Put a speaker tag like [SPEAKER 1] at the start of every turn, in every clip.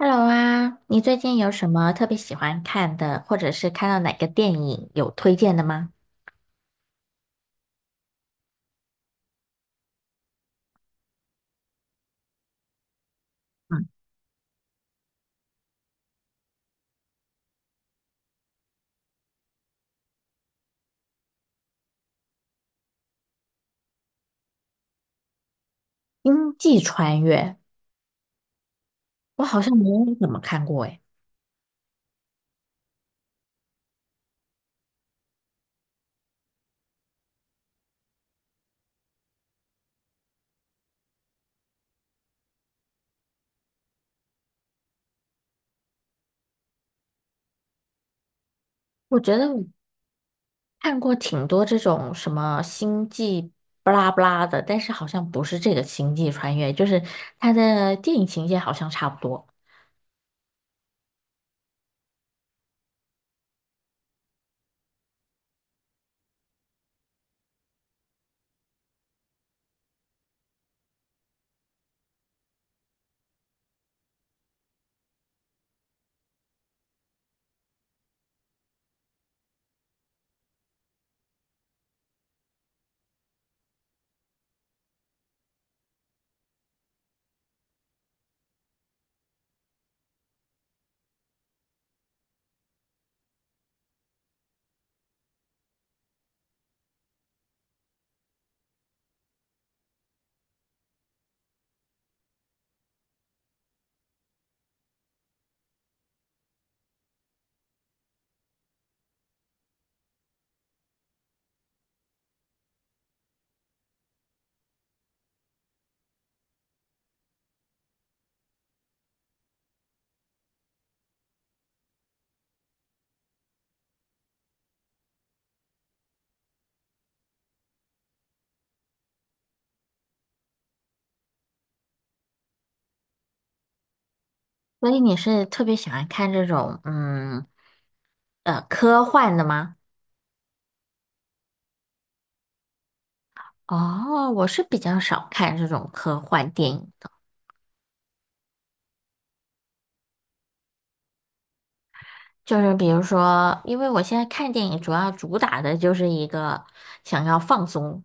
[SPEAKER 1] Hello 啊，你最近有什么特别喜欢看的，或者是看到哪个电影有推荐的吗？《星际穿越》，我好像没有怎么看过诶。我觉得我看过挺多这种什么星际巴拉巴拉的，但是好像不是这个《星际穿越》，就是它的电影情节好像差不多。所以你是特别喜欢看这种科幻的吗？哦，我是比较少看这种科幻电影。就是比如说，因为我现在看电影主要主打的就是一个想要放松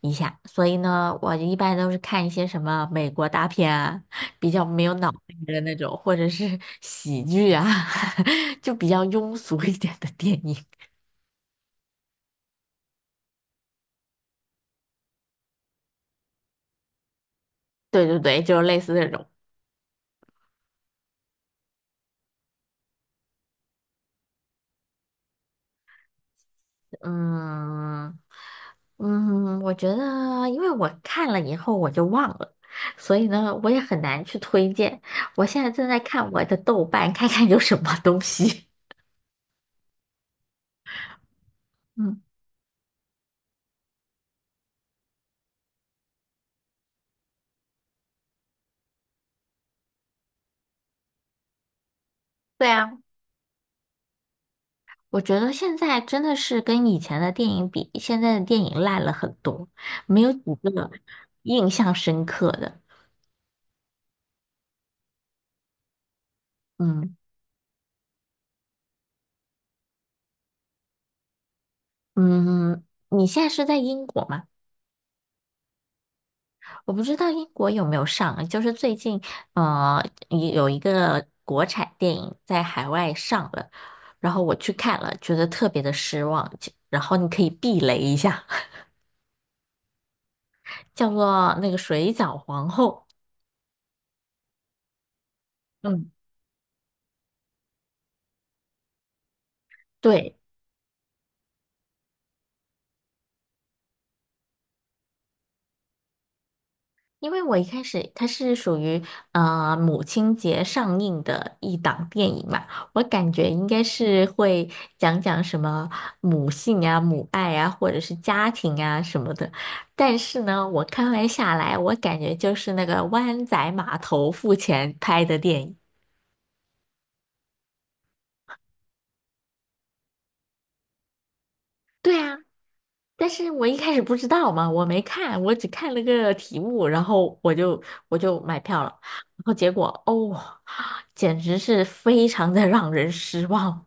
[SPEAKER 1] 一下，所以呢，我一般都是看一些什么美国大片啊，比较没有脑袋的那种，或者是喜剧啊，就比较庸俗一点的电影。对对对，就是类似这种。嗯嗯，我觉得，因为我看了以后我就忘了，所以呢，我也很难去推荐。我现在正在看我的豆瓣，看看有什么东西 嗯，对啊，我觉得现在真的是跟以前的电影比，现在的电影烂了很多，没有几个印象深刻的。嗯嗯，你现在是在英国吗？我不知道英国有没有上啊，就是最近呃有一个国产电影在海外上了，然后我去看了，觉得特别的失望。就然后你可以避雷一下，叫做那个《水饺皇后》。嗯，对，因为我一开始它是属于母亲节上映的一档电影嘛，我感觉应该是会讲讲什么母性啊、母爱啊，或者是家庭啊什么的。但是呢，我看完下来，我感觉就是那个湾仔码头付钱拍的电影。对啊。但是我一开始不知道嘛，我没看，我只看了个题目，然后我就买票了，然后结果哦，简直是非常的让人失望。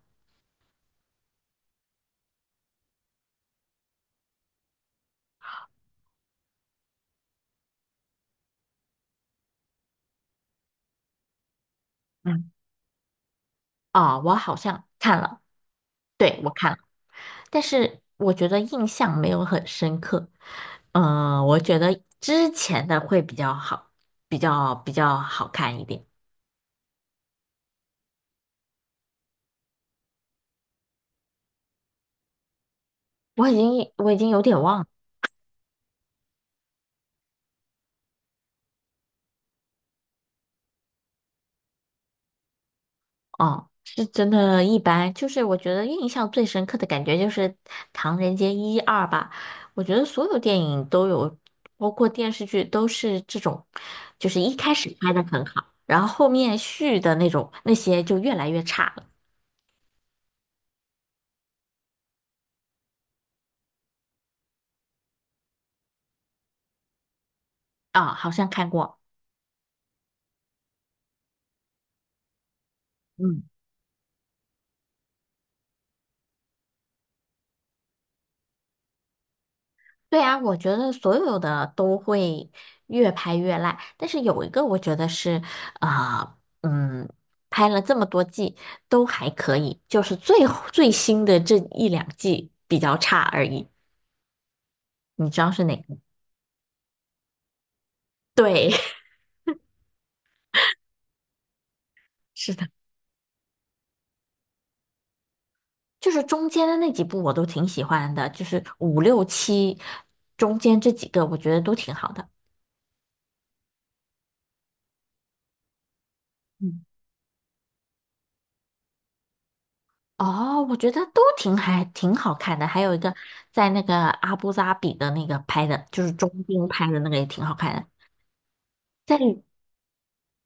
[SPEAKER 1] 嗯，啊，我好像看了，对，我看了，但是我觉得印象没有很深刻。嗯、我觉得之前的会比较好，比较好看一点。我已经有点忘了。哦，是真的一般，就是我觉得印象最深刻的感觉就是《唐人街一二》吧。我觉得所有电影都有，包括电视剧都是这种，就是一开始拍的很好，然后后面续的那种那些就越来越差了。啊、好像看过。嗯。对啊，我觉得所有的都会越拍越烂，但是有一个我觉得是，呃，嗯，拍了这么多季都还可以，就是最新的这一两季比较差而已。你知道是哪个？对，是的，就是中间的那几部我都挺喜欢的，就是五六七中间这几个我觉得都挺好的。嗯。哦，我觉得都挺还挺好看的，还有一个在那个阿布扎比的那个拍的，就是中东拍的那个也挺好看的。在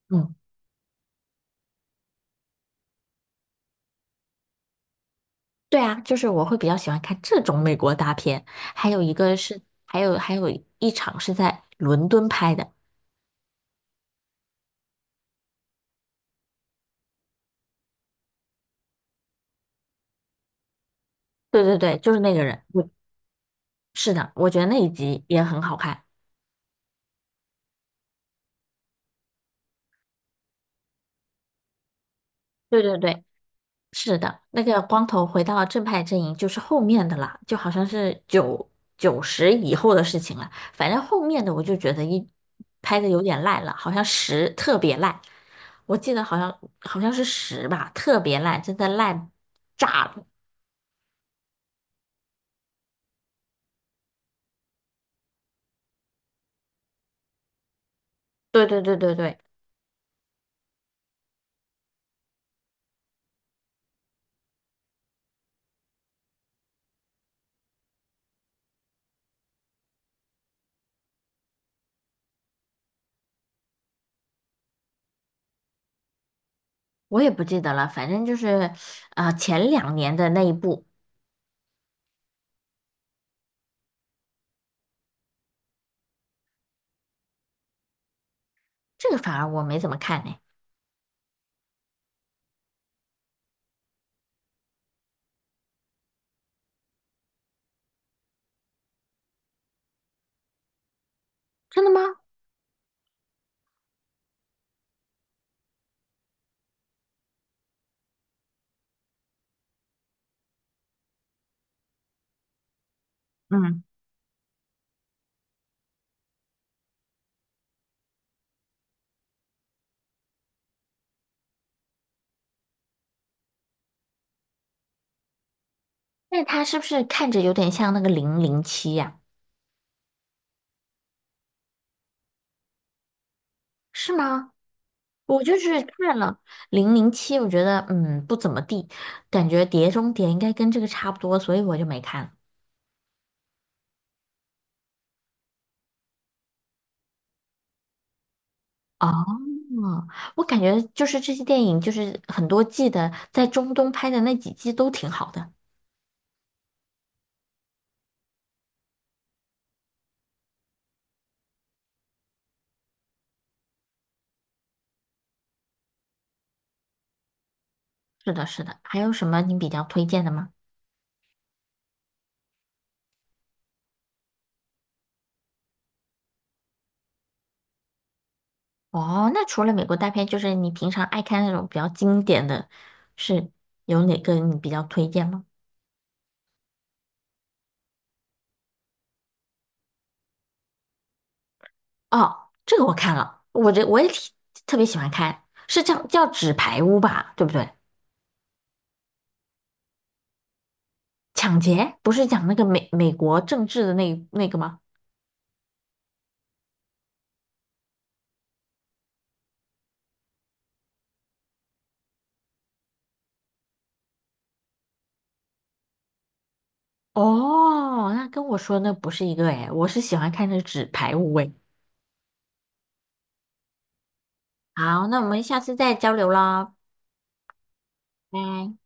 [SPEAKER 1] 嗯，对啊，就是我会比较喜欢看这种美国大片，还有一个是还有一场是在伦敦拍的，对对对，就是那个人，我是的，我觉得那一集也很好看，对对对，是的，那个光头回到正派阵营就是后面的了，就好像是九十以后的事情了。反正后面的我就觉得一拍的有点烂了，好像十特别烂，我记得好像是十吧，特别烂，真的烂炸了。对对对对对，我也不记得了，反正就是前两年的那一部，这个反而我没怎么看呢。真的吗？嗯，那他是不是看着有点像那个零零七呀？是吗？我就是看了《零零七》，我觉得嗯不怎么地，感觉《碟中谍》应该跟这个差不多，所以我就没看。哦，我感觉就是这些电影，就是很多季的，在中东拍的那几季都挺好的。是的，是的。还有什么你比较推荐的吗？哦，那除了美国大片，就是你平常爱看那种比较经典的，是有哪个你比较推荐吗？哦，这个我看了，我也挺特别喜欢看，是叫《纸牌屋》吧，对不对？抢劫不是讲那个美国政治的那个吗？哦，那跟我说那不是一个诶，我是喜欢看那《纸牌屋》诶。好，那我们下次再交流啦，拜。